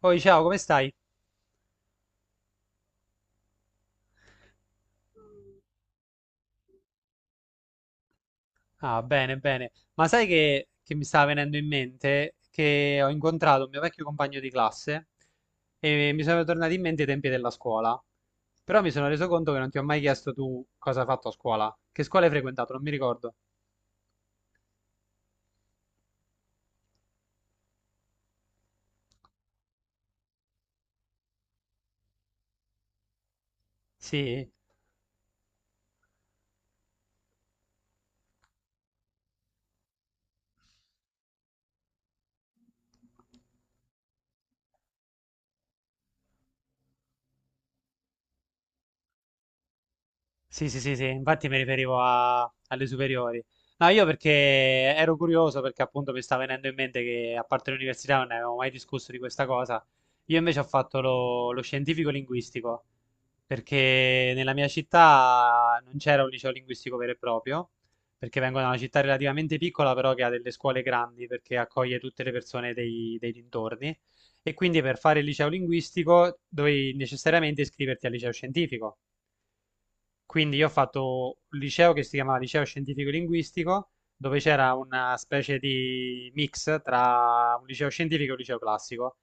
Poi ciao, come stai? Ah, bene, bene. Ma sai che mi stava venendo in mente che ho incontrato un mio vecchio compagno di classe e mi sono tornati in mente i tempi della scuola. Però mi sono reso conto che non ti ho mai chiesto tu cosa hai fatto a scuola. Che scuola hai frequentato? Non mi ricordo. Sì? Sì, sì, sì, sì, infatti mi riferivo alle superiori. No, io perché ero curioso perché appunto mi sta venendo in mente che a parte l'università non ne avevamo mai discusso di questa cosa. Io invece ho fatto lo scientifico linguistico perché nella mia città non c'era un liceo linguistico vero e proprio, perché vengo da una città relativamente piccola però che ha delle scuole grandi perché accoglie tutte le persone dei dintorni e quindi per fare il liceo linguistico dovevi necessariamente iscriverti al liceo scientifico, quindi io ho fatto un liceo che si chiamava Liceo Scientifico Linguistico, dove c'era una specie di mix tra un liceo scientifico e un liceo classico,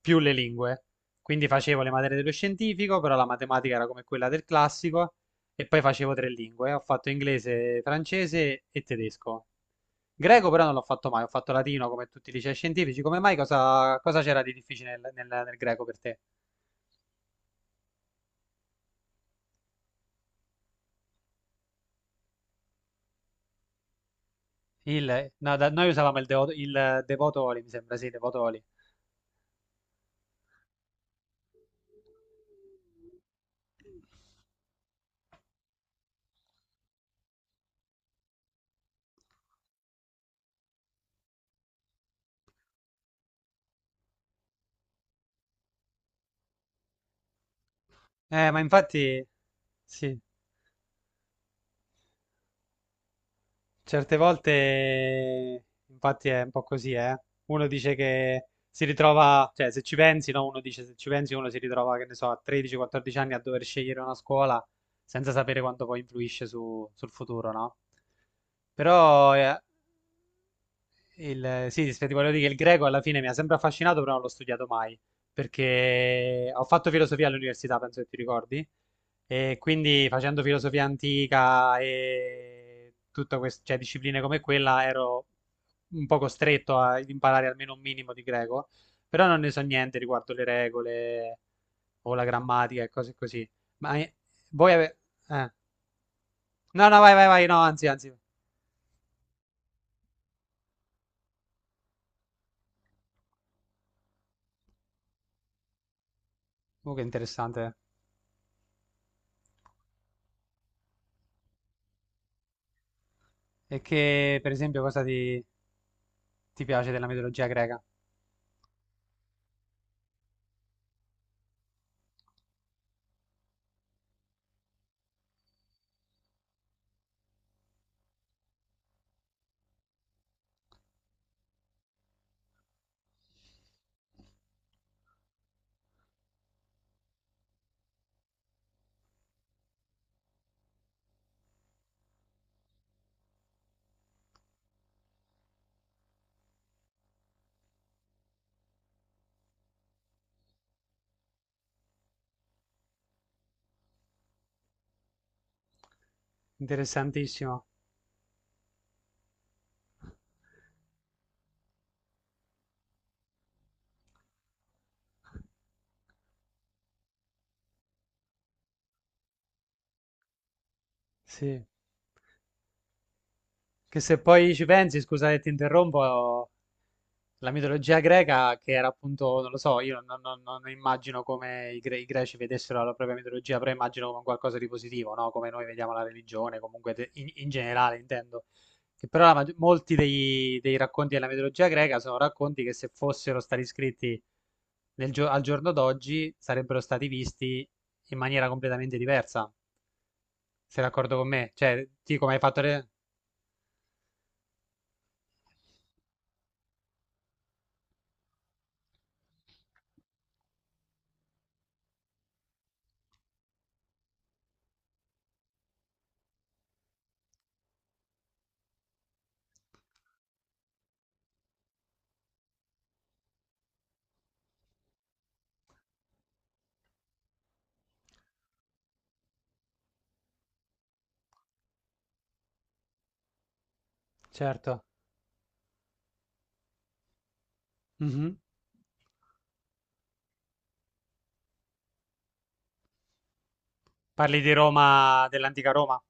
più le lingue. Quindi facevo le materie dello scientifico, però la matematica era come quella del classico, e poi facevo 3 lingue. Ho fatto inglese, francese e tedesco. Greco però non l'ho fatto mai, ho fatto latino come tutti i licei scientifici. Come mai cosa, cosa c'era di difficile nel greco per te? Il, no, noi usavamo il, il devotoli, mi sembra, sì, devotoli. Eh, ma infatti, sì, certe volte, infatti è un po' così, eh. Uno dice che si ritrova, cioè se ci pensi, no? Uno dice se ci pensi, uno si ritrova, che ne so, a 13-14 anni a dover scegliere una scuola senza sapere quanto poi influisce sul futuro, no? Però, eh, sì, sì, sì, ti volevo dire che il greco alla fine mi ha sempre affascinato, però non l'ho studiato mai, perché ho fatto filosofia all'università, penso che ti ricordi, e quindi facendo filosofia antica e tutte queste, cioè, discipline come quella ero un po' costretto ad imparare almeno un minimo di greco, però non ne so niente riguardo le regole o la grammatica e cose così. Ma eh, voi avete... No, no, no, anzi, anzi. Comunque interessante. E che, per esempio, cosa ti... Ti piace della mitologia greca? Interessantissimo. Sì. Che se poi ci pensi, scusa che ti interrompo, la mitologia greca, che era appunto, non lo so, io non immagino come i greci vedessero la propria mitologia, però immagino come un qualcosa di positivo, no? Come noi vediamo la religione, comunque in generale intendo. Che però la molti dei racconti della mitologia greca sono racconti che se fossero stati scritti al giorno d'oggi sarebbero stati visti in maniera completamente diversa. Sei d'accordo con me? Cioè, sì, come hai fatto te? Certo. Mhm. Parli di Roma, dell'antica Roma.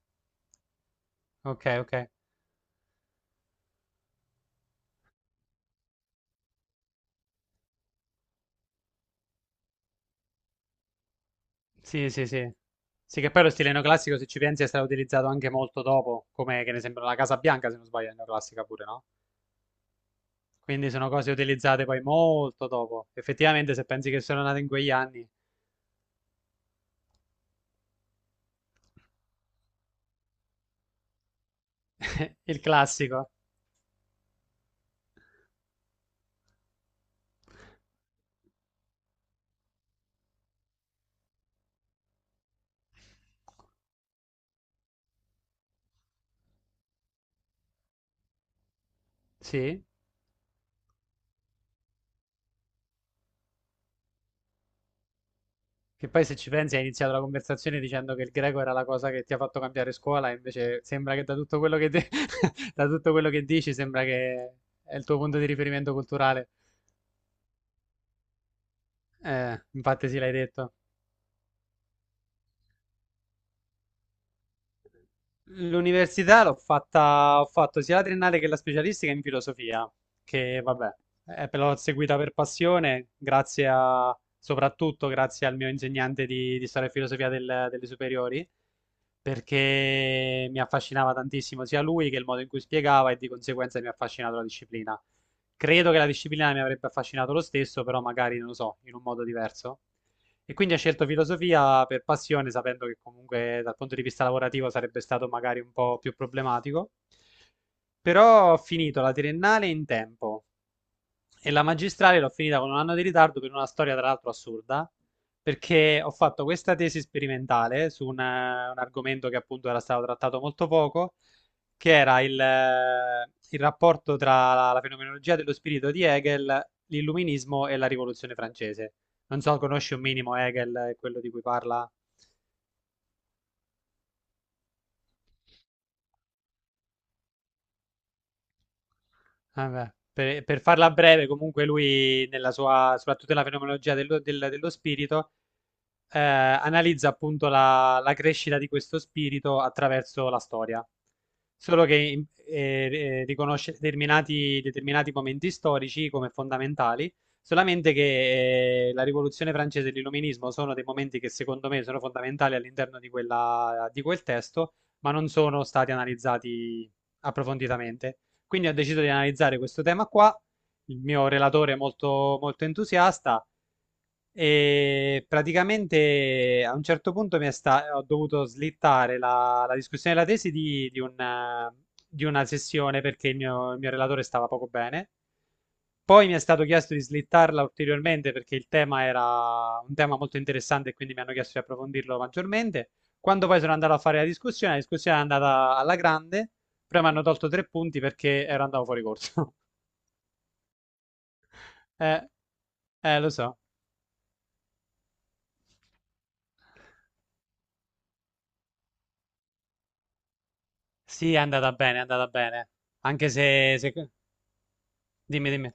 Ok, ok. Sì, sì, sì. Sì, che poi lo stile neoclassico, se ci pensi, è stato utilizzato anche molto dopo, come che ne sembra la Casa Bianca, se non sbaglio, è neoclassica pure, no? Quindi sono cose utilizzate poi molto dopo. Effettivamente, se pensi che sono nate in quegli anni, il classico. Sì. Che poi se ci pensi hai iniziato la conversazione dicendo che il greco era la cosa che ti ha fatto cambiare scuola, e invece sembra che da tutto quello che, da tutto quello che dici sembra che è il tuo punto di riferimento culturale. Infatti sì, l'hai detto. L'università l'ho fatta, ho fatto sia la triennale che la specialistica in filosofia, che vabbè, però l'ho seguita per passione, grazie a, soprattutto grazie al mio insegnante di storia e filosofia delle superiori perché mi affascinava tantissimo sia lui che il modo in cui spiegava e di conseguenza mi ha affascinato la disciplina. Credo che la disciplina mi avrebbe affascinato lo stesso, però magari non lo so, in un modo diverso. E quindi ho scelto filosofia per passione, sapendo che comunque dal punto di vista lavorativo sarebbe stato magari un po' più problematico. Però ho finito la triennale in tempo, e la magistrale l'ho finita con 1 anno di ritardo per una storia tra l'altro assurda, perché ho fatto questa tesi sperimentale su un argomento che appunto era stato trattato molto poco, che era il rapporto tra la fenomenologia dello spirito di Hegel, l'illuminismo e la rivoluzione francese. Non so, conosci un minimo Hegel, quello di cui parla? Vabbè, per farla breve, comunque lui, nella sua, soprattutto nella fenomenologia dello spirito, analizza appunto la crescita di questo spirito attraverso la storia. Solo che riconosce determinati momenti storici come fondamentali, solamente che la Rivoluzione francese e l'Illuminismo sono dei momenti che secondo me sono fondamentali all'interno di quella, di quel testo, ma non sono stati analizzati approfonditamente. Quindi ho deciso di analizzare questo tema qua. Il mio relatore è molto, molto entusiasta e praticamente a un certo punto ho dovuto slittare la discussione della tesi di una sessione perché il mio relatore stava poco bene. Poi mi è stato chiesto di slittarla ulteriormente perché il tema era un tema molto interessante e quindi mi hanno chiesto di approfondirlo maggiormente. Quando poi sono andato a fare la discussione è andata alla grande, però mi hanno tolto 3 punti perché ero andato fuori corso. Eh, lo so. Sì, è andata bene, è andata bene. Anche dimmi, dimmi.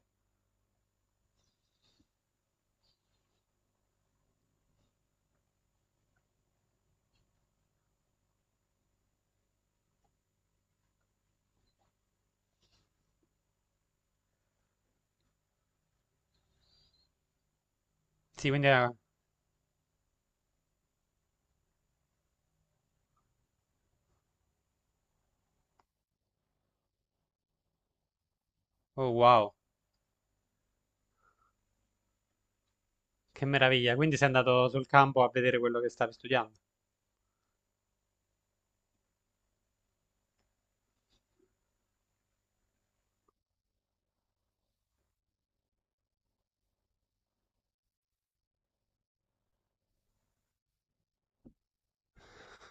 Sì, quindi era... Oh, wow, che meraviglia. Quindi sei andato sul campo a vedere quello che stavi studiando.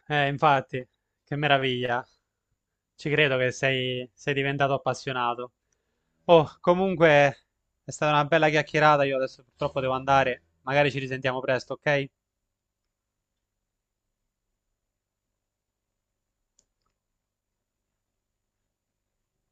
Infatti, che meraviglia. Ci credo che sei diventato appassionato. Oh, comunque è stata una bella chiacchierata. Io adesso purtroppo devo andare. Magari ci risentiamo presto, ok?